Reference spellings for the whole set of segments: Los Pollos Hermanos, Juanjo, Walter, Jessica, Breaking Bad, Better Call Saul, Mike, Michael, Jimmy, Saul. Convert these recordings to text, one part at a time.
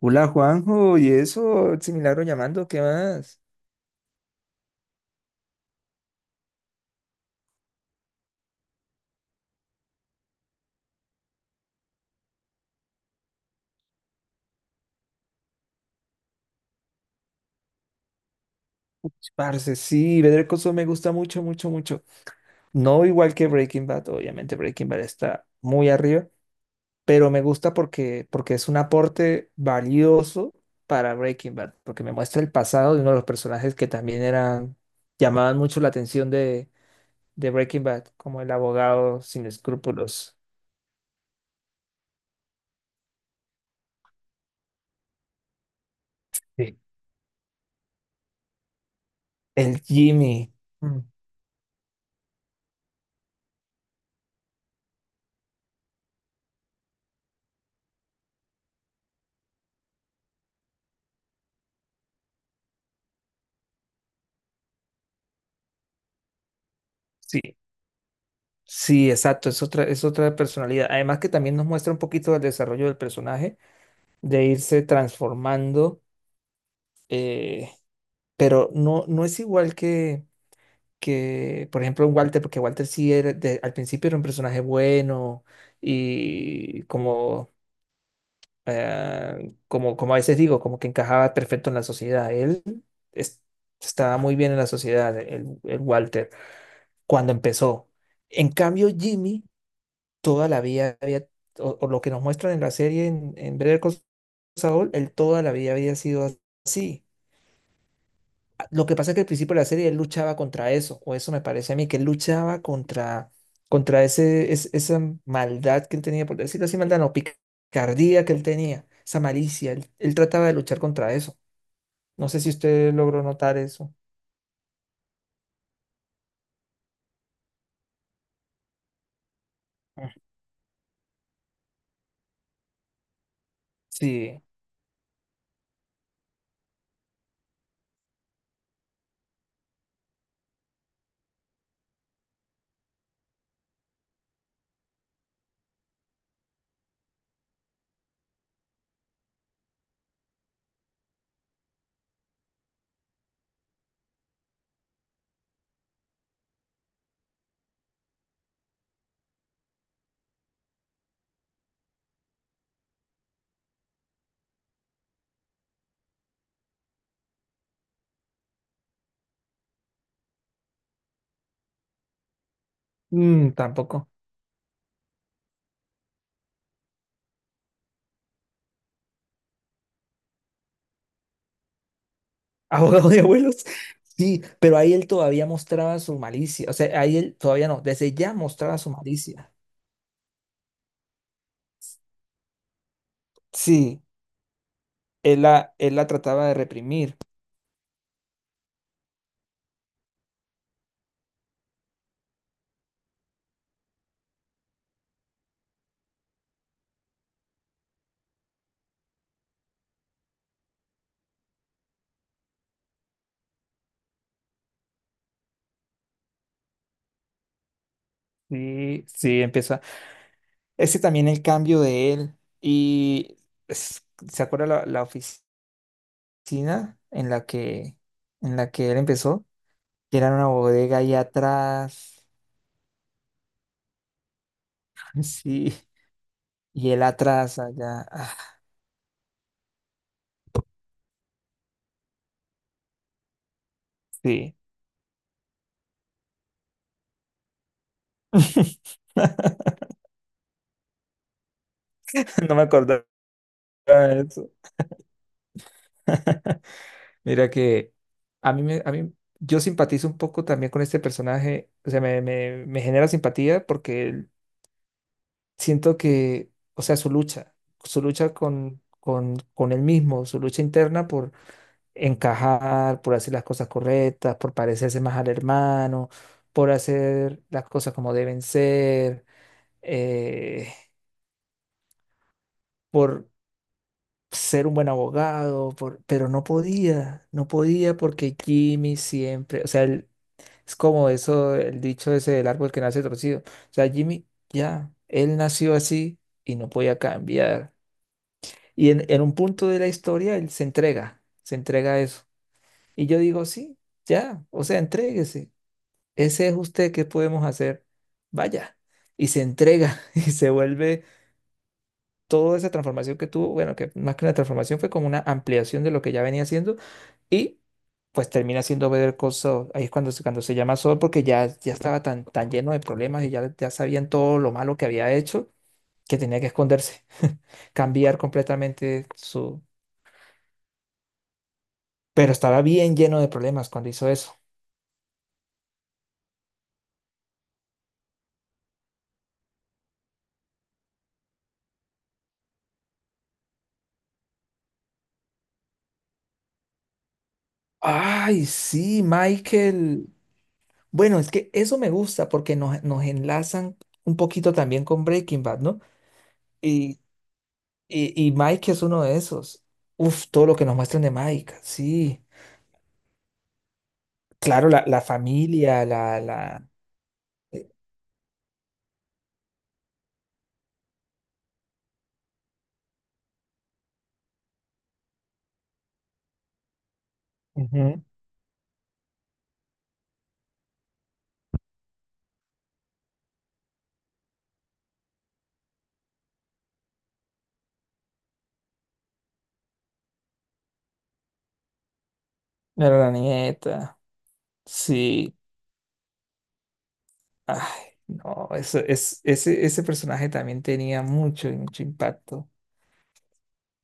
Hola Juanjo, y eso, ese milagro llamando, ¿qué más? Uch, parce, sí, Better Call Saul me gusta mucho, mucho, mucho. No igual que Breaking Bad, obviamente Breaking Bad está muy arriba, pero me gusta porque, porque es un aporte valioso para Breaking Bad, porque me muestra el pasado de uno de los personajes que también eran, llamaban mucho la atención de Breaking Bad, como el abogado sin escrúpulos. Sí. El Jimmy. Mm. Sí. Sí, exacto, es otra personalidad. Además que también nos muestra un poquito del desarrollo del personaje, de irse transformando, eh, pero no, no es igual que, por ejemplo, un Walter, porque Walter sí era, al principio era un personaje bueno y como, como, como a veces digo, como que encajaba perfecto en la sociedad. Él es- estaba muy bien en la sociedad, el Walter, cuando empezó. En cambio, Jimmy... toda la vida había, o lo que nos muestran en la serie en Better Call Saul, él toda la vida había sido así. Lo que pasa es que al principio de la serie él luchaba contra eso, o eso me parece a mí, que él luchaba contra, contra ese, esa maldad que él tenía, por decirlo así, maldad, no, picardía que él tenía, esa malicia, él trataba de luchar contra eso. No sé si usted logró notar eso. Mm. Sí. Mm, tampoco. Abogado de abuelos. Sí, pero ahí él todavía mostraba su malicia. O sea, ahí él todavía no, desde ya mostraba su malicia. Sí, él la trataba de reprimir. Sí, sí, empezó. Ese también el cambio de él. Y es- ¿se acuerda la, la oficina en la que él empezó? Que era una bodega ahí atrás. Sí, y él atrás allá. Ah, sí. No me acordaba de eso. Mira que a mí, me, a mí, yo simpatizo un poco también con este personaje, o sea, me genera simpatía porque siento que, o sea, su lucha con él mismo, su lucha interna por encajar, por hacer las cosas correctas, por parecerse más al hermano, por hacer las cosas como deben ser, eh, por ser un buen abogado, pero no podía, no podía porque Jimmy siempre, o sea, él... Es como eso, el dicho ese del árbol que nace torcido. O sea, Jimmy, ya, él nació así y no podía cambiar. Y en un punto de la historia, él se entrega a eso. Y yo digo, sí, ya, o sea, entréguese. Ese es usted, ¿qué podemos hacer? Vaya. Y se entrega y se vuelve toda esa transformación que tuvo, bueno, que más que una transformación fue como una ampliación de lo que ya venía haciendo y pues termina siendo Better Call Saul. Ahí es cuando, cuando se llama Saul porque ya, ya estaba tan, tan lleno de problemas y ya, ya sabían todo lo malo que había hecho, que tenía que esconderse, cambiar completamente su... Pero estaba bien lleno de problemas cuando hizo eso. Ay, sí, Michael. Bueno, es que eso me gusta porque nos, nos enlazan un poquito también con Breaking Bad, ¿no? Y, y Mike es uno de esos. Uf, todo lo que nos muestran de Mike, sí. Claro, la familia, la, la... Ujú. Era la nieta. Sí. Ay, no, eso, es, ese personaje también tenía mucho, mucho impacto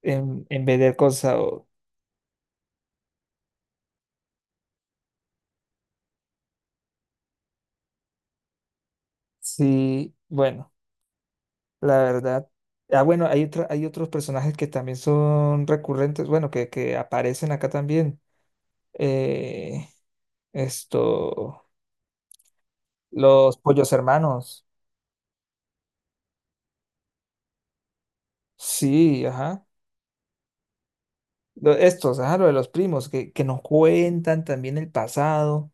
en Better Call Saul. Sí, bueno, la verdad. Ah, bueno, hay hay otros personajes que también son recurrentes, bueno, que aparecen acá también. Eh, esto, los pollos hermanos. Sí, ajá. Lo- estos, ajá, lo de los primos, que nos cuentan también el pasado.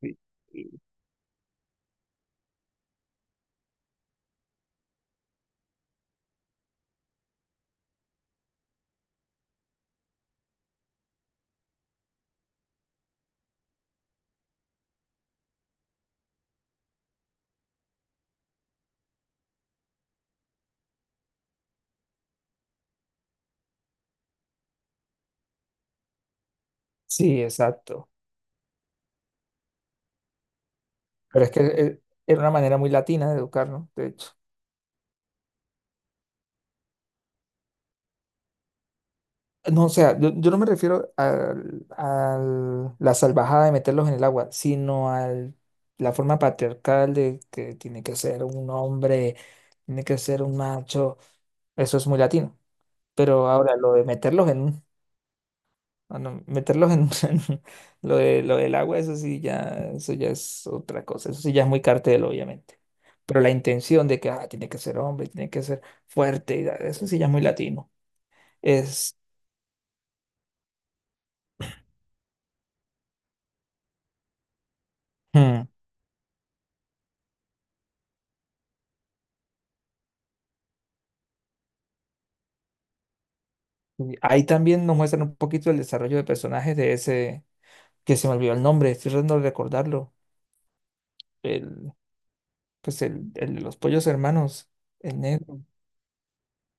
Sí. Sí, exacto. Pero es que era una manera muy latina de educarnos, de hecho. No, o sea, yo no me refiero a la salvajada de meterlos en el agua, sino a la forma patriarcal de que tiene que ser un hombre, tiene que ser un macho. Eso es muy latino. Pero ahora lo de meterlos en un... Ah, no, meterlos en, en lo de, lo del agua, eso sí ya, eso ya es otra cosa, eso sí ya es muy cartel, obviamente. Pero la intención de que ah, tiene que ser hombre, tiene que ser fuerte, y eso sí ya es muy latino. Es... Hmm, y ahí también nos muestran un poquito el desarrollo de personajes de ese, que se me olvidó el nombre, estoy tratando de recordarlo. El, pues el de los pollos hermanos, el negro.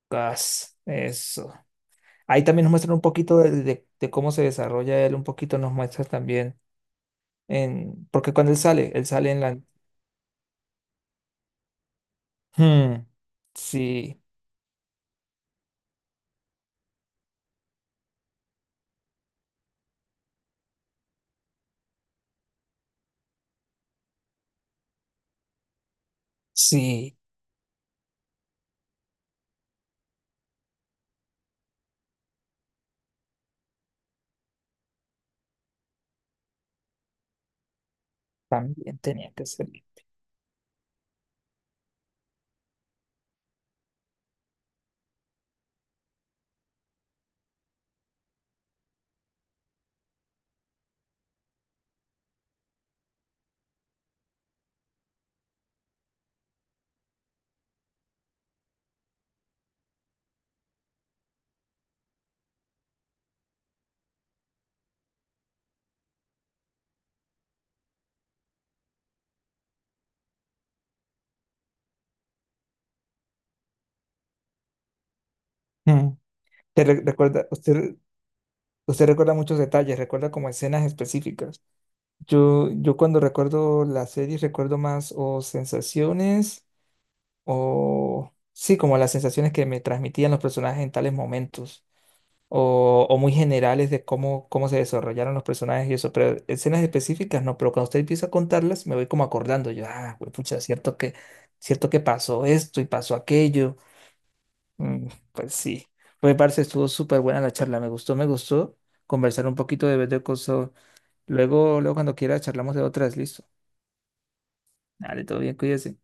Gas, eso. Ahí también nos muestran un poquito de cómo se desarrolla él, un poquito nos muestra también. En, porque cuando él sale en la... Hmm, sí, sí, también tenía que ser. Hmm, recuerda, usted, usted recuerda muchos detalles, recuerda como escenas específicas. Yo cuando recuerdo las series recuerdo más o sensaciones o... Sí, como las sensaciones que me transmitían los personajes en tales momentos. O, o muy generales de cómo, cómo se desarrollaron los personajes y eso, pero escenas específicas no, pero cuando usted empieza a contarlas me voy como acordando, yo, ah, güey, pucha, cierto que pasó esto y pasó aquello. Mm, pues sí, pues parce, estuvo súper buena la charla, me gustó conversar un poquito de vez de cosas, luego, luego cuando quiera charlamos de otras, listo, dale, todo bien, cuídese.